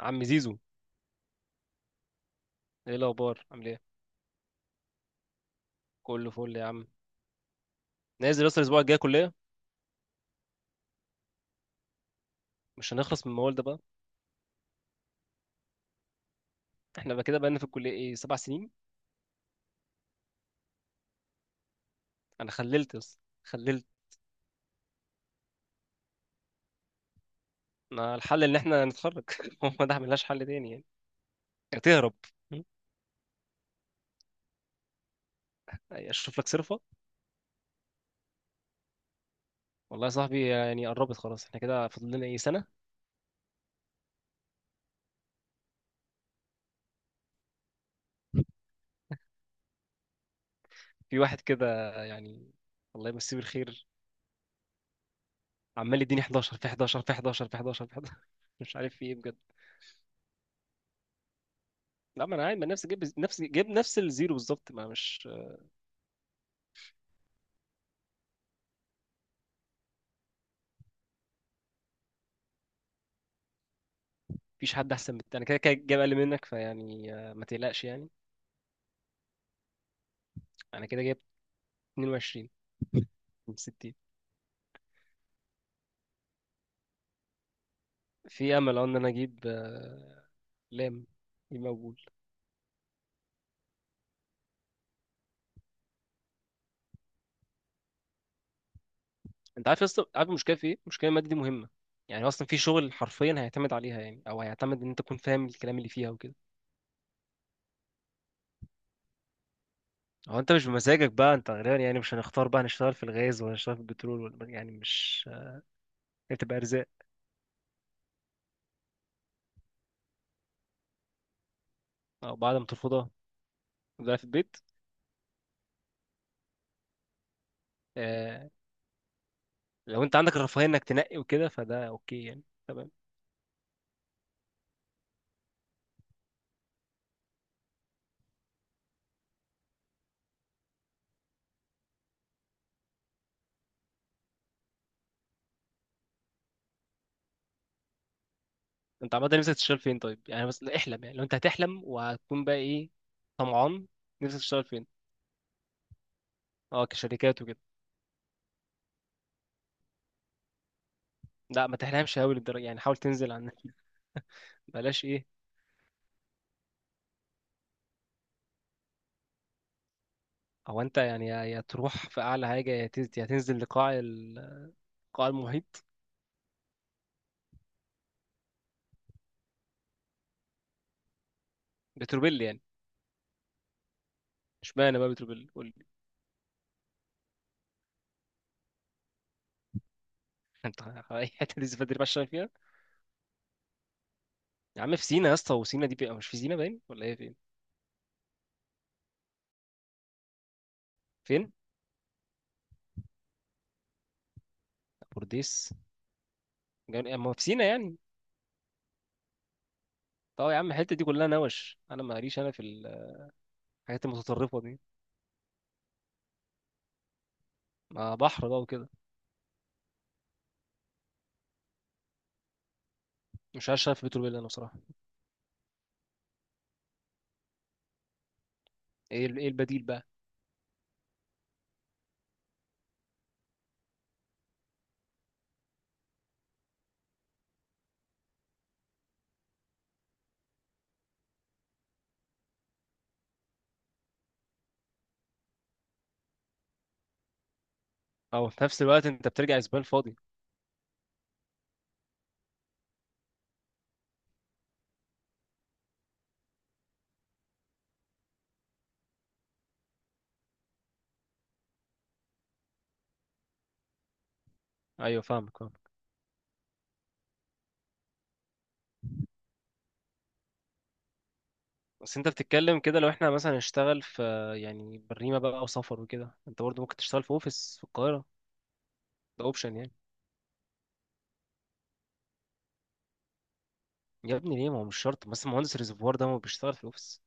عم زيزو. ايه الاخبار، عامل ايه؟ كله فل يا عم. نازل اصلا الاسبوع الجاي كليه. مش هنخلص من الموال ده بقى؟ احنا بقى كده بقالنا في الكليه ايه، سبع سنين. انا خللت بس خللت. ما الحل ان احنا نتخرج. هو ده ملهاش حل تاني يعني. يا تهرب. م? اشوف لك صرفه. والله يا صاحبي يعني قربت خلاص، احنا كده فاضل لنا ايه، سنه. في واحد كده يعني، الله يمسيه بالخير، عمال يديني 11 في 11 في 11 في 11 في 11. مش عارف في ايه بجد. لا، ما انا عادي، ما نفسي جايب نفس الزيرو بالظبط، ما مش... مفيش حد احسن من التاني، كده كده جايب اقل منك، فيعني ما تقلقش يعني. انا كده جايب 22 من 60. في امل اه، ان انا اجيب لام، يبقى مقبول. انت عارف يا اسطى، عارف المشكله في ايه؟ المشكله الماده دي مهمه يعني، اصلا في شغل حرفيا هيعتمد عليها، يعني او هيعتمد ان انت تكون فاهم الكلام اللي فيها وكده. هو انت مش بمزاجك بقى، انت غالبا يعني مش هنختار بقى نشتغل في الغاز ولا نشتغل في البترول، ولا يعني مش... هي بتبقى ارزاق. او بعد ما ترفضها تفضل في البيت. آه... لو انت عندك الرفاهيه انك تنقي وكده، فده اوكي يعني، تمام. انت عامه نفسك تشتغل فين طيب يعني؟ بس احلم يعني، لو انت هتحلم وهتكون بقى ايه، طمعان، نفسك تشتغل فين؟ اه، كشركات وكده. لا ما تحلمش قوي للدرجه يعني، حاول تنزل عن... بلاش ايه. هو انت يعني يا تروح في اعلى حاجه يا تنزل، يا تنزل لقاع قاع المحيط. بتروبيل يعني. اشمعنى بقى بتروبيل، قول لي. انت، اي حته دي بدري بقى تشتغل فيها؟ يا عم في سينا يا اسطى، وسينا دي بقى مش في سينا باين، ولا ايه، فين؟ فين، بورديس؟ ما هو في سينا يعني. طب يا عم الحته دي كلها نوش، انا ماليش انا في الحاجات المتطرفه دي. ما بحر بقى وكده. مش عارف، شايف بيتر بيلا انا بصراحه. ايه ايه البديل بقى؟ او في نفس الوقت انت بترجع اسبان فاضي. ايوه، فاهمك، فاهم. بس انت بتتكلم كده، لو احنا مثلا نشتغل في يعني بريمه بقى او سفر وكده، انت برضه ممكن تشتغل في اوفيس في القاهره. ده اوبشن يعني. يا ابني ليه؟ ما هو مش شرط، بس مهندس الريزرفوار ده ما بيشتغل في الاوفيس.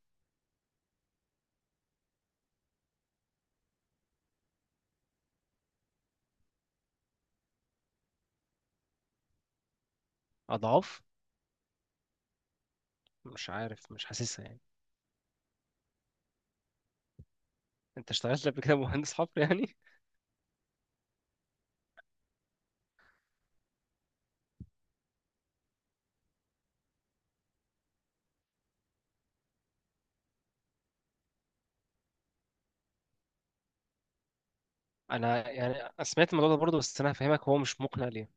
اضعاف؟ مش عارف، مش حاسسها يعني. انت اشتغلت قبل كده؟ مهندس حفر يعني. انا يعني، أنا سمعت الموضوع ده برضه، بس انا هفهمك هو مش مقنع ليه.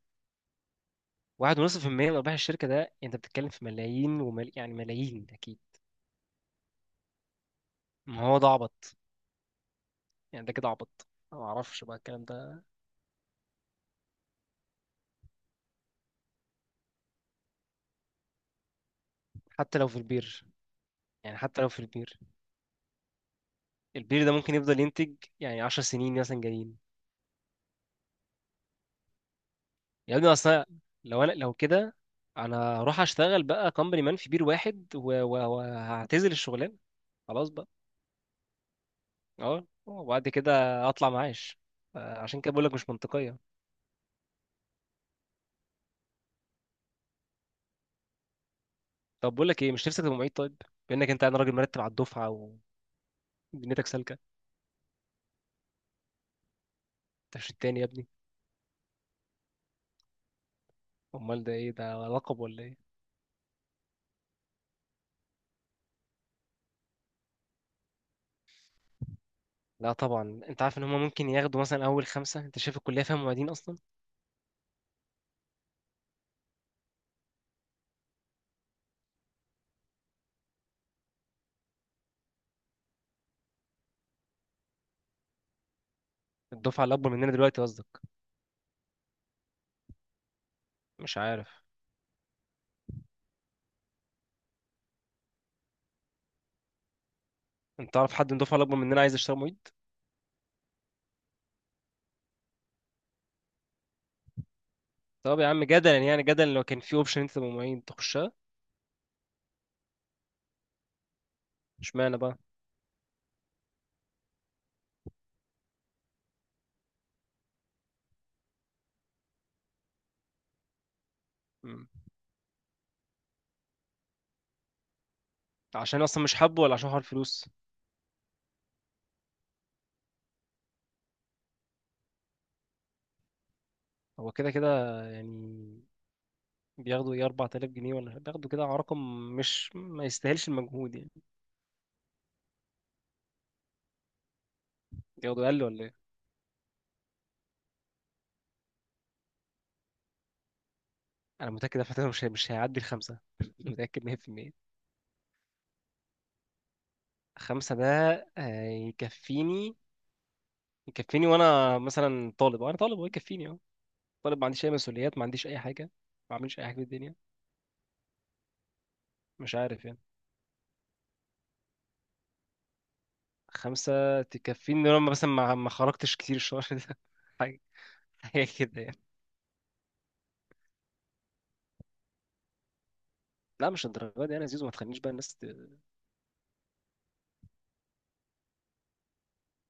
واحد ونص في المية من أرباح الشركة؟ ده أنت بتتكلم في ملايين يعني ملايين أكيد. ما هو ده عبط، يعني ده كده عبط. أنا ما اعرفش بقى الكلام ده. حتى لو في البير. يعني حتى لو في البير، البير ده ممكن يفضل ينتج يعني 10 سنين مثلا جايين. يا ابني اصلا، لو انا لو كده، انا هروح اشتغل بقى كومباني مان في بير واحد وهعتزل الشغلانه. خلاص بقى. اه وبعد كده اطلع معاش. عشان كده بقول لك مش منطقيه. طب بقول لك ايه، مش نفسك تبقى معيد طيب؟ بانك انت، انا راجل مرتب على الدفعه، ودنيتك سالكه. انت مش التاني يا ابني؟ امال ده ايه ده، لقب ولا ايه؟ لا طبعا، انت عارف ان هم ممكن ياخدوا مثلا اول خمسه، انت شايف الكليه فيها معيدين اصلا. الدفعه الاكبر مننا دلوقتي قصدك؟ مش عارف. انت تعرف حد من الدفعه الاكبر مننا عايز يشتغل معيد؟ طب يا عم جدلا يعني، جدلا لو كان في اوبشن انت تبقى معيد، تخشها؟ اشمعنى بقى؟ مم. عشان اصلا مش حابه ولا عشان حوار الفلوس؟ هو كده كده يعني، بياخدوا ايه، 4000 جنيه ولا بياخدوا كده على رقم مش، ما يستاهلش المجهود يعني. بياخدوا اقل ولا ايه؟ انا متاكد دفعتنا مش هيعدي الخمسه. متاكد 100%. خمسة ده هيكفيني، يكفيني وانا مثلا طالب، انا طالب هو يكفيني اه، طالب، ما عنديش اي مسؤوليات، ما عنديش اي حاجه، ما بعملش اي حاجه في الدنيا. مش عارف يعني، خمسه تكفيني لما مثلا ما خرجتش كتير الشهر ده. حاجه، حاجه كده يعني. لا مش الدرجه دي يعني يا زيزو، ما تخلينيش بقى الناس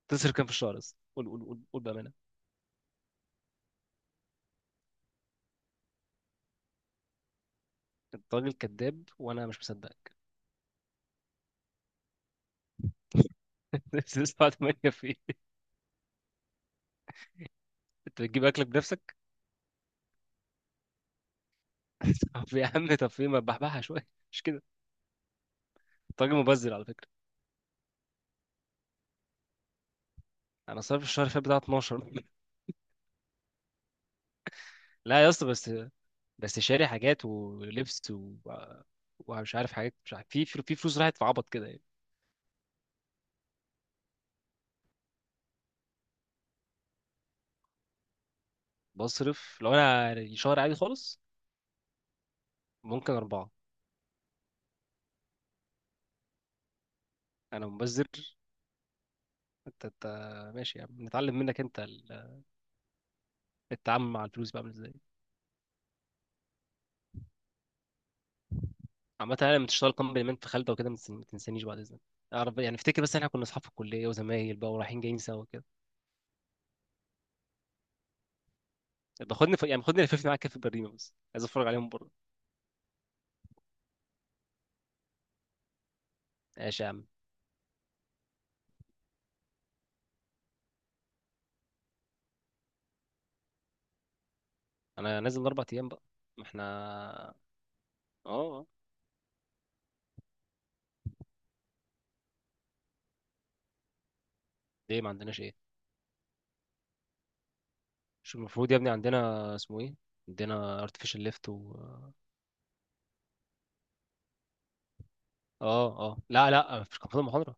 تصرف كام في الشهر بس، قول قول قول قول بامانه. انت راجل كذاب وانا مش مصدقك. بس لسه، بعد ما هي في إيه؟ انت بتجيب اكلك بنفسك؟ طب يا عم، طب في، ما تبحبحها شويه، مش كده؟ انت راجل مبذر على فكره. انا صرف الشهر اللي فات بتاع 12. لا يا اسطى بس، بس شاري حاجات ولبس ومش عارف حاجات، مش عارف في فلوس راحت في عبط كده يعني. بصرف، لو انا الشهر عادي خالص، ممكن أربعة. أنا مبذر، أنت أنت... ماشي يا عم، نتعلم منك أنت التعامل مع الفلوس بقى عامل إزاي. عامة، أنا لما تشتغل كومبلمنت في خالدة وكده، ما ما تنسانيش بعد إذنك، أعرف يعني، أفتكر، بس إحنا كنا أصحاب في الكلية وزمايل بقى، ورايحين جايين سوا كده. يعني باخدني لففني معاك كده في البريمة، بس عايز أتفرج عليهم بره. ماشي يا عم. أنا نازل أربع أيام بقى، ما إحنا... آه. ليه، ما عندناش إيه؟ مش المفروض يا ابني عندنا، اسمه ايه، عندنا artificial lift و... اه اه، لا لا، مش كان فاضل محاضرة؟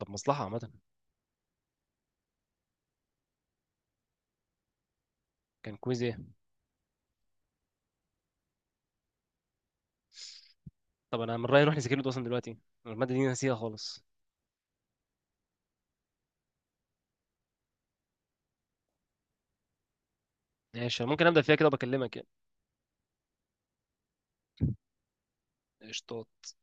طب مصلحة عامة. كان كويز ايه؟ طب انا من رأيي نروح نذاكر له ده اصلا دلوقتي، أنا المادة دي نسيها خالص. ماشي، أنا ممكن ابدأ فيها كده وبكلمك يعني. قشطات.